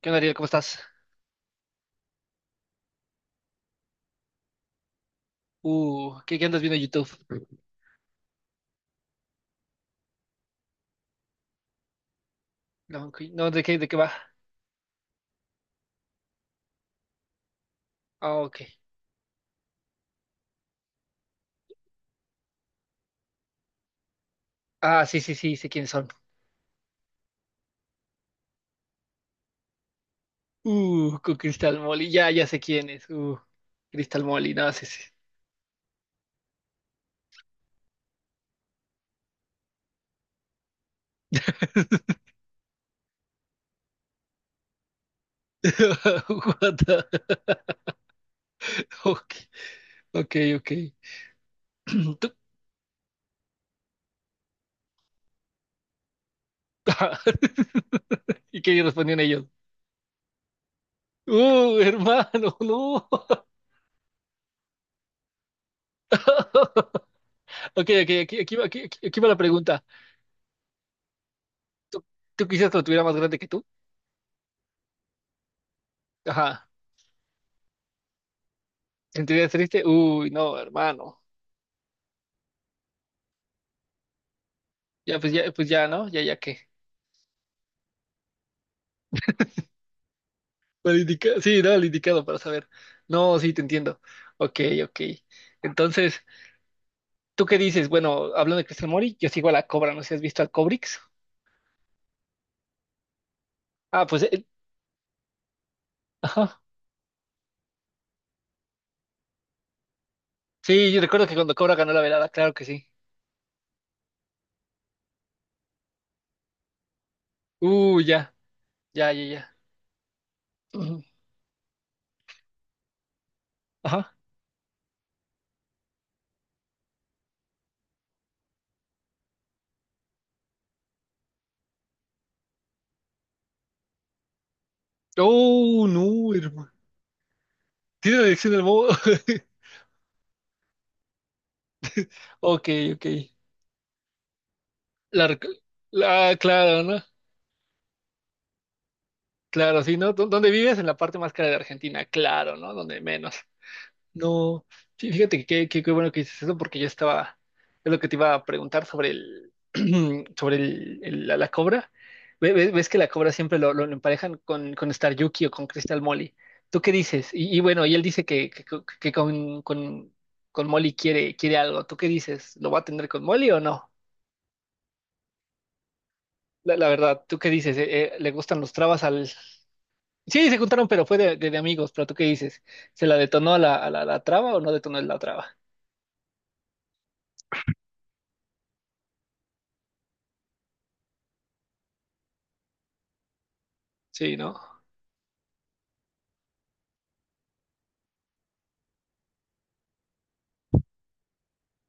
¿Qué onda, Ariel? ¿Cómo estás? ¿Qué andas viendo en YouTube? No, ok, no, ¿de qué va? Ah, ok. Ah, sí, sí, sí, sé quiénes son. Con Crystal Molly, ya, ya sé quién es. Crystal Molly, no, sí, sí. What the- Ok, ok, ok. Tú- ¿Y qué respondían ellos? Hermano, no. Ok, ok, aquí va la pregunta. ¿Tú, tú quisieras que lo tuviera más grande que tú? Ajá. ¿Sentirías triste? Uy, no, hermano. Ya, pues ya, pues ya, ¿no? Ya, ya qué. Sí, no, el indicado para saber. No, sí, te entiendo. Ok, ok. Entonces, ¿tú qué dices? Bueno, hablando de Cristian Mori, yo sigo a la Cobra, no sé si has visto al Cobrix. Ah, pues, ajá. Sí, yo recuerdo que cuando Cobra ganó la velada, claro que sí. Ya, ya, ya, ya. Ujú. Ajá. Oh, no, hermano. Tiene la adicción al modo. Ok, ok. La, rec- claro, ¿no? Claro, sí, ¿no? ¿Dónde vives? En la parte más cara de Argentina, claro, ¿no? Donde menos. No, sí, fíjate que qué bueno que dices eso porque es lo que te iba a preguntar sobre el, sobre el- la cobra. ¿Ves, que la cobra siempre lo emparejan con Star Yuki o con Crystal Molly? ¿Tú qué dices? Y bueno, y él dice que con Molly quiere algo. ¿Tú qué dices? ¿Lo va a tener con Molly o no? La verdad, ¿tú qué dices? ¿Le gustan los trabas al...? Sí, se juntaron, pero fue de amigos, pero ¿tú qué dices? ¿Se la detonó a la traba o no detonó la traba? Sí, ¿no?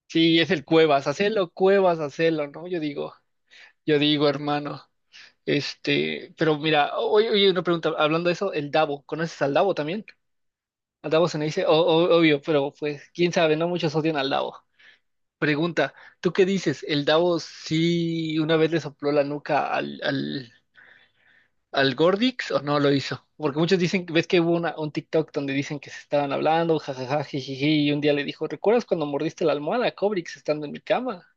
Sí, es el Cuevas, hacelo, ¿no? Yo digo, hermano. Este, pero mira, oye, oye, una pregunta, hablando de eso, el Davo, ¿conoces al Davo también? Al Davo se me dice, obvio, pero pues, quién sabe, no muchos odian al Davo. Pregunta, ¿tú qué dices? ¿El Davo sí una vez le sopló la nuca al Gordix o no lo hizo? Porque muchos dicen, ves que hubo un TikTok donde dicen que se estaban hablando, jajaja, jijiji, y un día le dijo, ¿recuerdas cuando mordiste la almohada, Cobrix, estando en mi cama?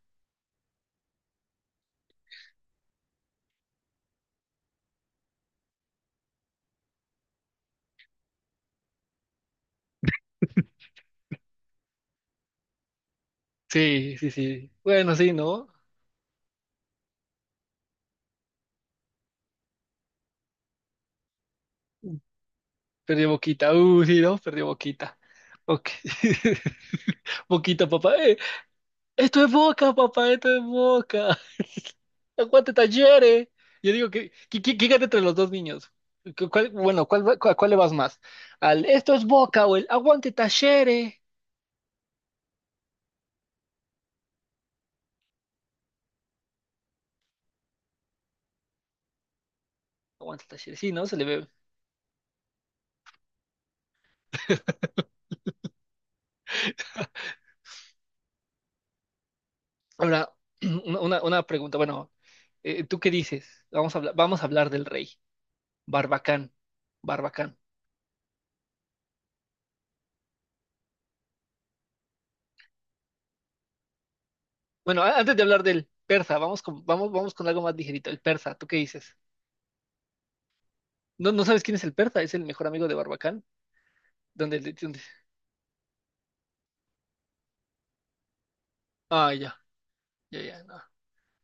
Sí, sí, sí. Bueno, sí, ¿no? Perdió Boquita. Sí, ¿no? Perdió Boquita. Ok. Boquita, papá. Esto es Boca, papá. Esto es Boca. Aguante Talleres. Yo digo que gane entre los dos niños. Bueno, ¿a cuál le vas más? ¿Al esto es Boca o el aguante Talleres? Aguante Talleres. Sí, ¿no? Se le ve. Ahora, una pregunta. Bueno, ¿tú qué dices? Vamos a hablar del rey. Barbacán. Barbacán. Bueno, antes de hablar del persa, vamos con algo más ligerito. El persa, ¿tú qué dices? ¿No, no sabes quién es el persa? Es el mejor amigo de Barbacán. Donde. Ah, ya, ya, ya, no.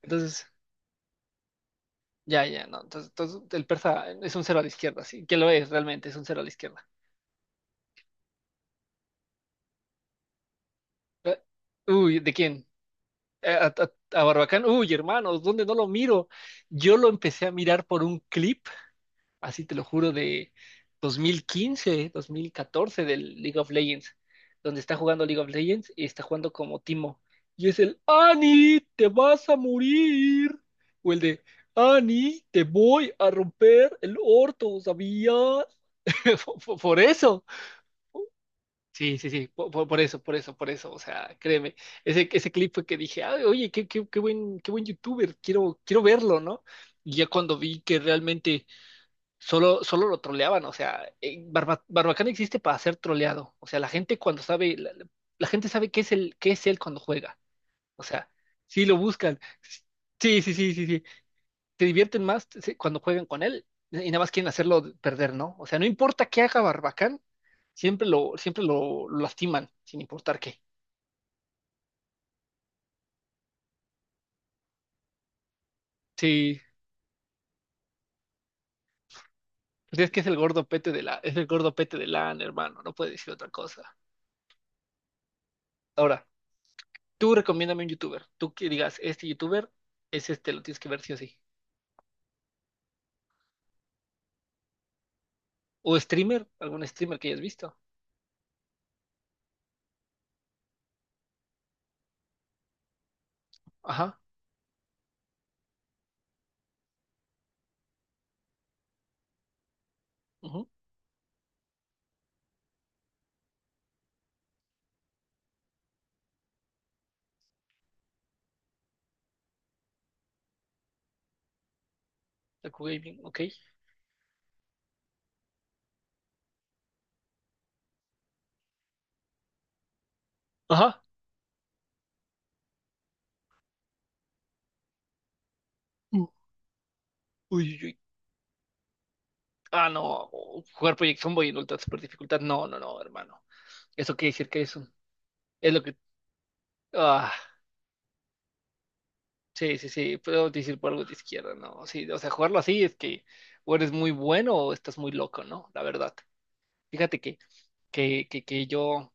Entonces, ya, ya, no. Entonces, el persa es un cero a la izquierda, sí. ¿Qué lo es realmente? Es un cero a la izquierda. Eh, Uy, ¿de quién? Eh, ¿A, a- a Barbacán? Uy, hermanos, ¿dónde no lo miro? Yo lo empecé a mirar por un clip así te lo juro, de dos mil quince, 2014 del League of Legends, donde está jugando League of Legends y está jugando como Timo. Y es el Ani, te vas a morir. O el de Ani, te voy a romper el orto, ¿sabías? Por eso. Sí, sí, sí, por eso, o sea, créeme, ese clip fue que dije, "Ay, oye, qué buen youtuber, quiero verlo, ¿no? Y ya cuando vi que realmente solo lo troleaban, o sea, Barbacana existe para ser troleado. O sea, la gente cuando sabe, la gente sabe qué es él cuando juega. O sea, sí lo buscan. Sí, sí, sí, sí, sí. Te divierten más sí, cuando juegan con él y nada más quieren hacerlo perder, ¿no? O sea, no importa qué haga Barbacán, siempre lo lastiman, sin importar qué. Sí, pues es que es el gordo pete de LAN, hermano, no puede decir otra cosa. Ahora. Tú recomiéndame un youtuber. Tú que digas, este youtuber es este, lo tienes que ver sí o sí. O streamer, algún streamer que hayas visto. Ajá. Ujú, Taku Gaming, ok. Ajá. u- Uy, uy, uy. Ah, no. Jugar Project Zomboid en ultra super dificultad. No, no, no, hermano. Eso quiere decir que es un. Es lo que. Ah, sí, sí, sí. Puedo decir por algo de izquierda, ¿no? Sí, o sea, jugarlo así es que o eres muy bueno o estás muy loco, ¿no? La verdad. Fíjate que yo.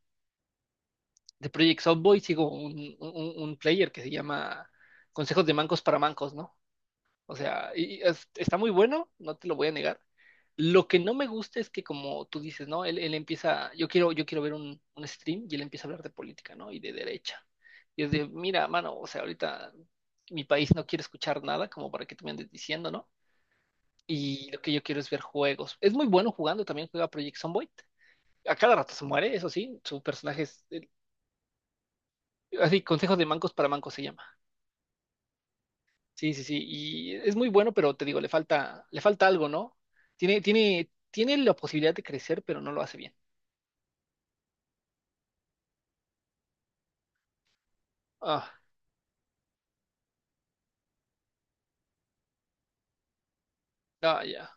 De Project Softboy sigo un player que se llama Consejos de Mancos para Mancos, ¿no? O sea, está muy bueno, no te lo voy a negar. Lo que no me gusta es que como tú dices, ¿no? Él empieza, yo quiero ver un stream y él empieza a hablar de política, ¿no? Y de derecha. Mira, mano, o sea, ahorita mi país no quiere escuchar nada como para que tú me andes diciendo, ¿no? Y lo que yo quiero es ver juegos. Es muy bueno jugando, también juega Project Zomboid. A cada rato se muere, eso sí, su personaje es, así, Consejos de Mancos para Mancos se llama. Sí, sí, sí, y es muy bueno, pero te digo, le falta algo, ¿no? Tiene la posibilidad de crecer, pero no lo hace bien. Ah, ah, ya,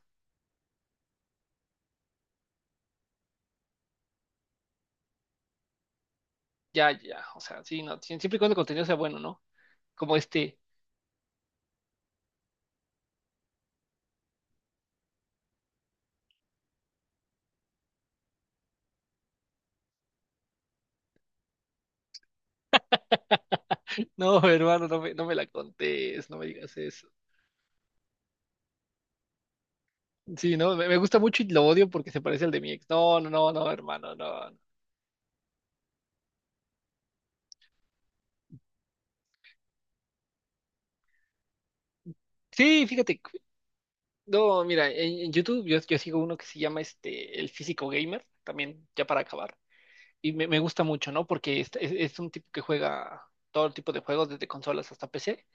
ya, ya, o sea, sí, no, sí, siempre y cuando el contenido sea bueno, ¿no? Como este, no, hermano, no me la contés, no me digas eso. Sí, no, me gusta mucho y lo odio porque se parece al de mi ex. No, no, no, no, hermano, no. No. Sí, fíjate, no, mira, en YouTube yo sigo uno que se llama este, el físico gamer, también ya para acabar. Y me gusta mucho, ¿no? Porque es un tipo que juega todo tipo de juegos, desde consolas hasta PC,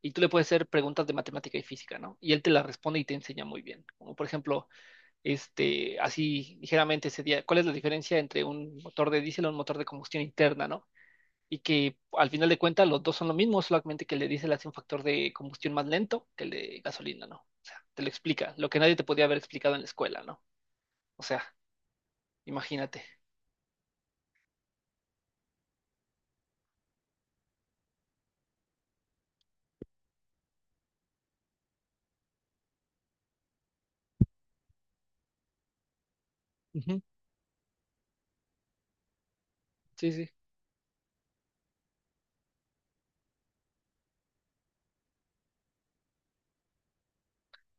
y tú le puedes hacer preguntas de matemática y física, ¿no? Y él te las responde y te enseña muy bien. Como por ejemplo, este, así ligeramente sería, ¿cuál es la diferencia entre un motor de diésel o un motor de combustión interna, ¿no? Y que al final de cuentas los dos son lo mismo, solamente que el de diésel hace un factor de combustión más lento que el de gasolina, ¿no? O sea, te lo explica, lo que nadie te podía haber explicado en la escuela, ¿no? O sea, imagínate. Ujú, sí, sí.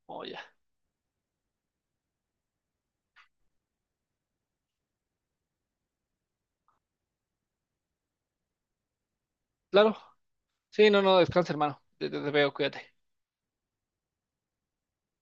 Oh, ya. Claro, sí, no, no, descansa, hermano. Te veo, cuídate.